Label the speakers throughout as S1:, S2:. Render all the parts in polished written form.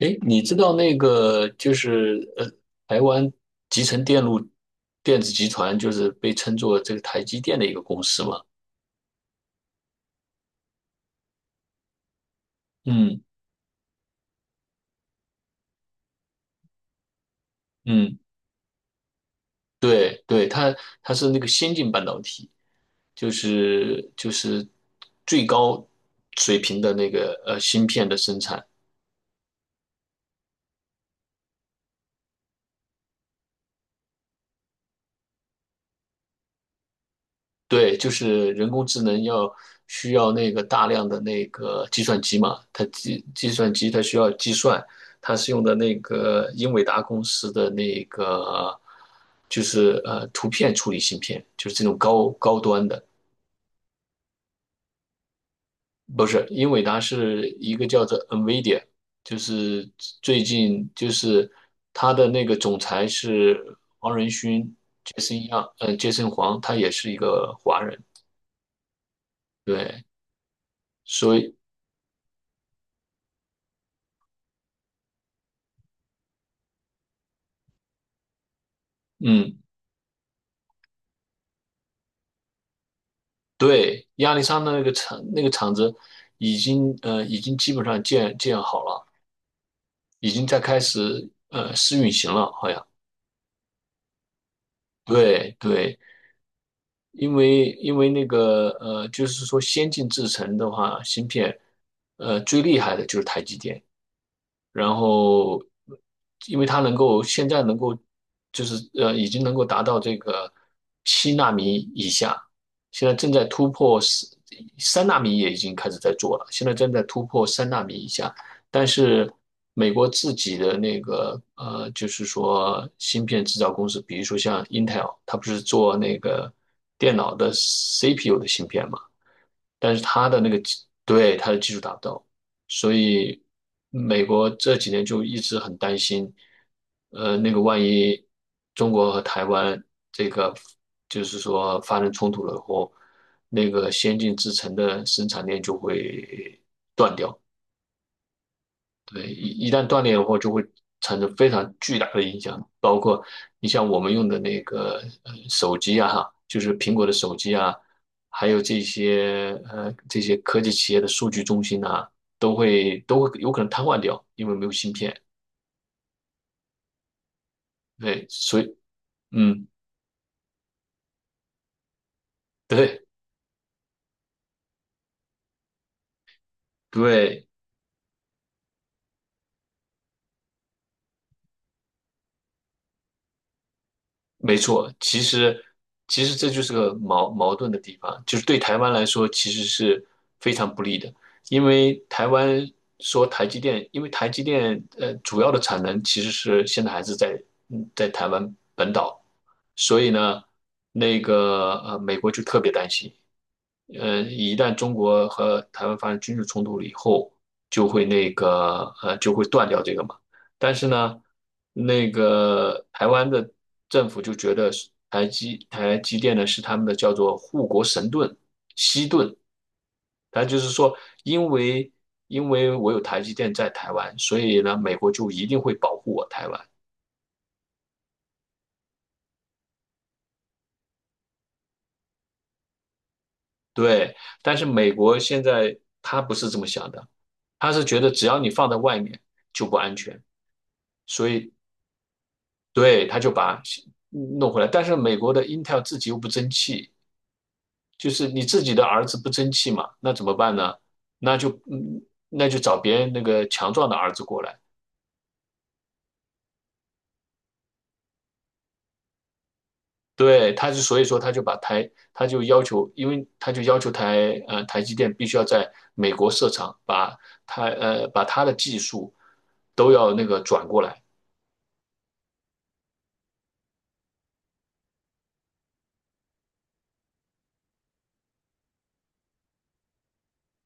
S1: 诶，你知道那个就是台湾集成电路电子集团就是被称作这个台积电的一个公司嘛？嗯嗯，对对，它是那个先进半导体，就是最高水平的那个芯片的生产，对，就是人工智能需要那个大量的那个计算机嘛，它计算机它需要计算，它是用的那个英伟达公司的那个就是图片处理芯片，就是这种高端的，不是，英伟达是一个叫做 NVIDIA,就是最近就是它的那个总裁是黄仁勋杰森黄，他也是一个华人，对，所以嗯。对，亚历山大那个厂子已经基本上建好了，已经在开始试运行了，好像。对对，因为那个，就是说先进制程的话，芯片最厉害的就是台积电。然后，因为它能够现在能够，就是，已经能够达到这个7纳米以下，现在正在突破三纳米，也已经开始在做了，现在正在突破三纳米以下。但是美国自己的那个，就是说芯片制造公司，比如说像 Intel,它不是做那个电脑的 CPU 的芯片嘛？但是它的那个技对它的技术达不到，所以美国这几年就一直很担心，那个万一中国和台湾这个就是说发生冲突了以后，那个先进制程的生产链就会断掉。对，一旦断裂的话，就会产生非常巨大的影响，包括你像我们用的那个手机啊，哈，就是苹果的手机啊，还有这些这些科技企业的数据中心啊，都会有可能瘫痪掉，因为没有芯片。对，所以嗯，对对。没错，其实这就是个矛盾的地方，就是对台湾来说其实是非常不利的，因为台湾说台积电，因为台积电主要的产能其实是现在还是在台湾本岛，所以呢，那个美国就特别担心，一旦中国和台湾发生军事冲突了以后，就会断掉这个嘛。但是呢，那个台湾的政府就觉得是台积电呢是他们的叫做护国神盾西盾，它就是说，因为因为我有台积电在台湾，所以呢，美国就一定会保护我台湾。对，但是美国现在他不是这么想的，他是觉得只要你放在外面就不安全。所以对，他就把弄回来。但是美国的 Intel 自己又不争气，就是你自己的儿子不争气嘛，那怎么办呢？那就嗯，那就找别人那个强壮的儿子过来。对，他就所以说他就要求台积电必须要在美国设厂，把他的技术都要那个转过来。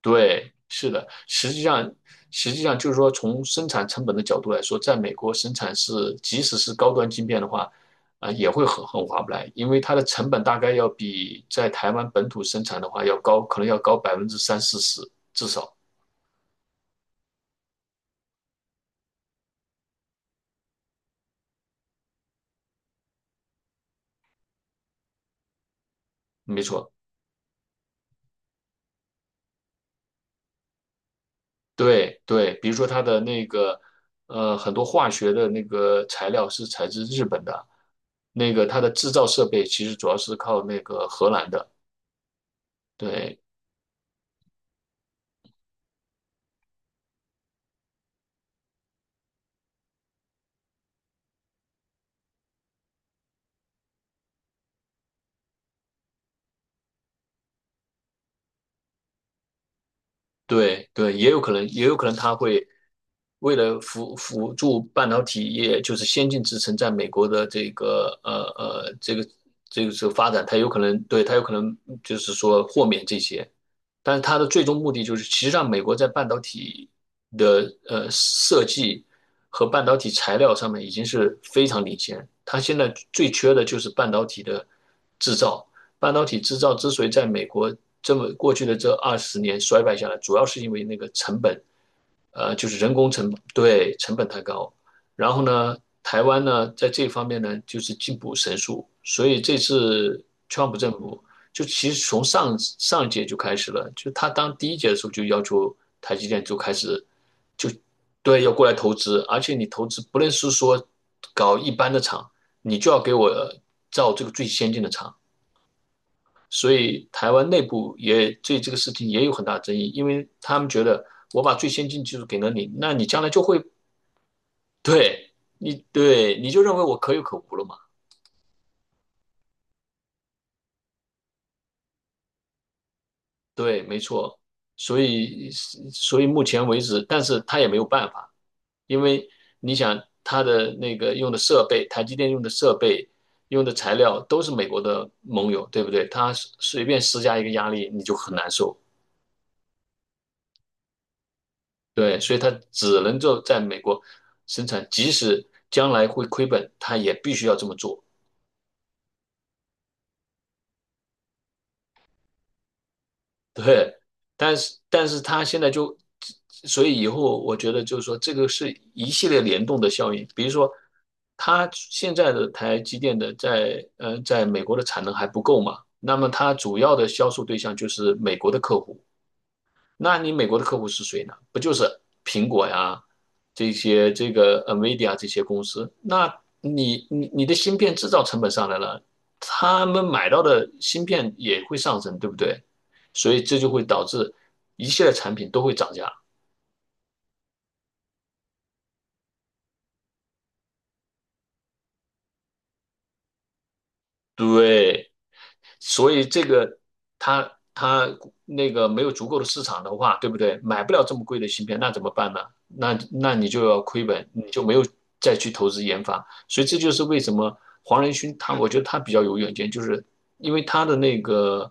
S1: 对，是的，实际上，实际上就是说，从生产成本的角度来说，在美国生产是，即使是高端晶片的话，啊、也会很划不来，因为它的成本大概要比在台湾本土生产的话要高，可能要高百分之三四十，至少，没错。对对，比如说它的那个，呃，很多化学的那个材料是采自日本的，那个它的制造设备其实主要是靠那个荷兰的，对，对对，也有可能，也有可能他会为了辅助半导体业，就是先进制程在美国的这个发展，它有可能就是说豁免这些。但是它的最终目的就是，其实上美国在半导体的设计和半导体材料上面已经是非常领先。它现在最缺的就是半导体的制造。半导体制造之所以在美国这么过去的这20年衰败下来，主要是因为那个成本，呃，就是人工成本，对，成本太高。然后呢，台湾呢在这方面呢就是进步神速，所以这次川普政府就其实从上上一届就开始了，就他当第一届的时候就要求台积电就开始就对要过来投资，而且你投资不论是说搞一般的厂，你就要给我造这个最先进的厂。所以台湾内部也对这个事情也有很大争议，因为他们觉得我把最先进技术给了你，那你将来就会对对你就认为我可有可无了嘛？对，没错。所以所以目前为止，但是他也没有办法。因为你想它的那个用的设备，台积电用的设备、用的材料都是美国的盟友，对不对？它随便施加一个压力，你就很难受。对，所以它只能够在美国生产，即使将来会亏本，它也必须要这么做。对，但是他现在就，所以以后我觉得就是说，这个是一系列联动的效应。比如说，他现在的台积电的在在美国的产能还不够嘛，那么它主要的销售对象就是美国的客户，那你美国的客户是谁呢？不就是苹果呀，这些这个 NVIDIA 这些公司？那你的芯片制造成本上来了，他们买到的芯片也会上升，对不对？所以这就会导致一系列产品都会涨价。对。所以这个它那个没有足够的市场的话，对不对？买不了这么贵的芯片，那怎么办呢？那你就要亏本，你就没有再去投资研发。所以这就是为什么黄仁勋他，我觉得他比较有远见，就是因为他的那个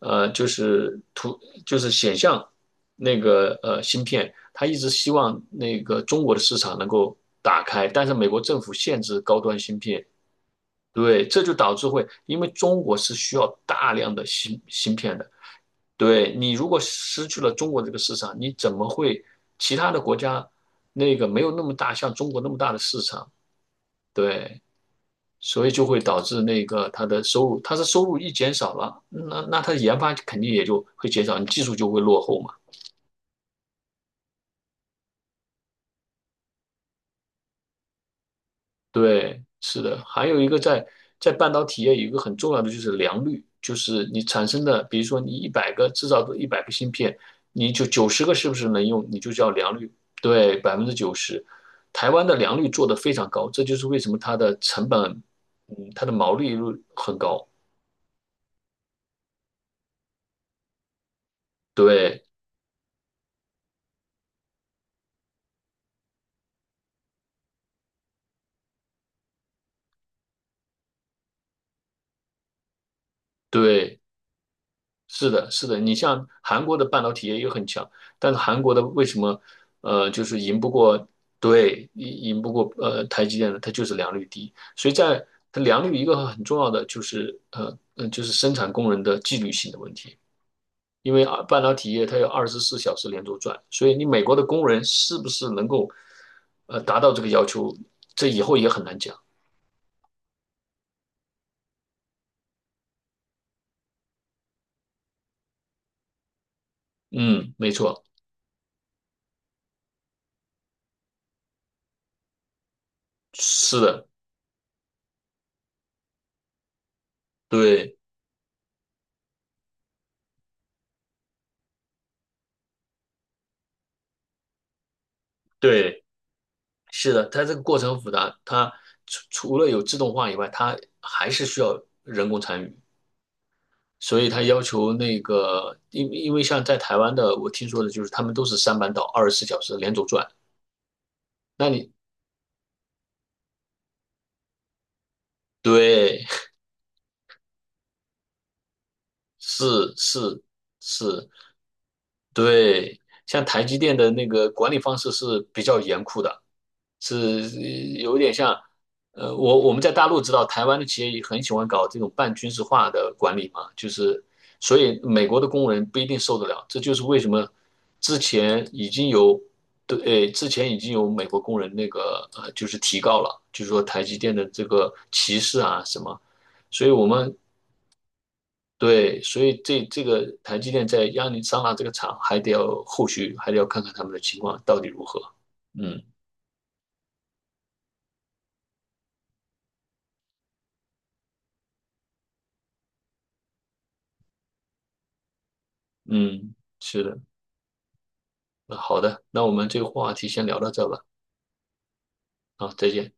S1: 呃，就是显像那个芯片，他一直希望那个中国的市场能够打开，但是美国政府限制高端芯片。对，这就导致会，因为中国是需要大量的芯片的。对，你如果失去了中国这个市场，你怎么会其他的国家那个没有那么大，像中国那么大的市场？对，所以就会导致那个它的收入一减少了，那它的研发肯定也就会减少，你技术就会落后嘛。对，是的，还有一个在在半导体业有一个很重要的就是良率，就是你产生的，比如说你一百个制造的一百个芯片，你就90个是不是能用，你就叫良率，对，90%。台湾的良率做得非常高，这就是为什么它的成本，嗯，它的毛利率很高。对对，是的，是的，你像韩国的半导体业也很强，但是韩国的为什么，呃，就是赢不过，对，赢不过台积电呢？它就是良率低，所以在它良率一个很重要的就是就是生产工人的纪律性的问题，因为啊半导体业它有二十四小时连轴转，所以你美国的工人是不是能够达到这个要求，这以后也很难讲。嗯，没错，是的，对对。是的，它这个过程很复杂，它除了有自动化以外，它还是需要人工参与，所以它要求那个，因为像在台湾的，我听说的就是他们都是三班倒，二十四小时连轴转。那你对，是是是，对，像台积电的那个管理方式是比较严酷的，是有点像，呃，我们在大陆知道，台湾的企业也很喜欢搞这种半军事化的管理嘛，就是所以美国的工人不一定受得了，这就是为什么之前已经有对，之前已经有美国工人那个呃，就是提告了，就是说台积电的这个歧视啊什么，所以我们对，所以这这个台积电在亚利桑那这个厂还得要后续还得要看看他们的情况到底如何。嗯嗯，是的，那好的，那我们这个话题先聊到这吧。好，再见。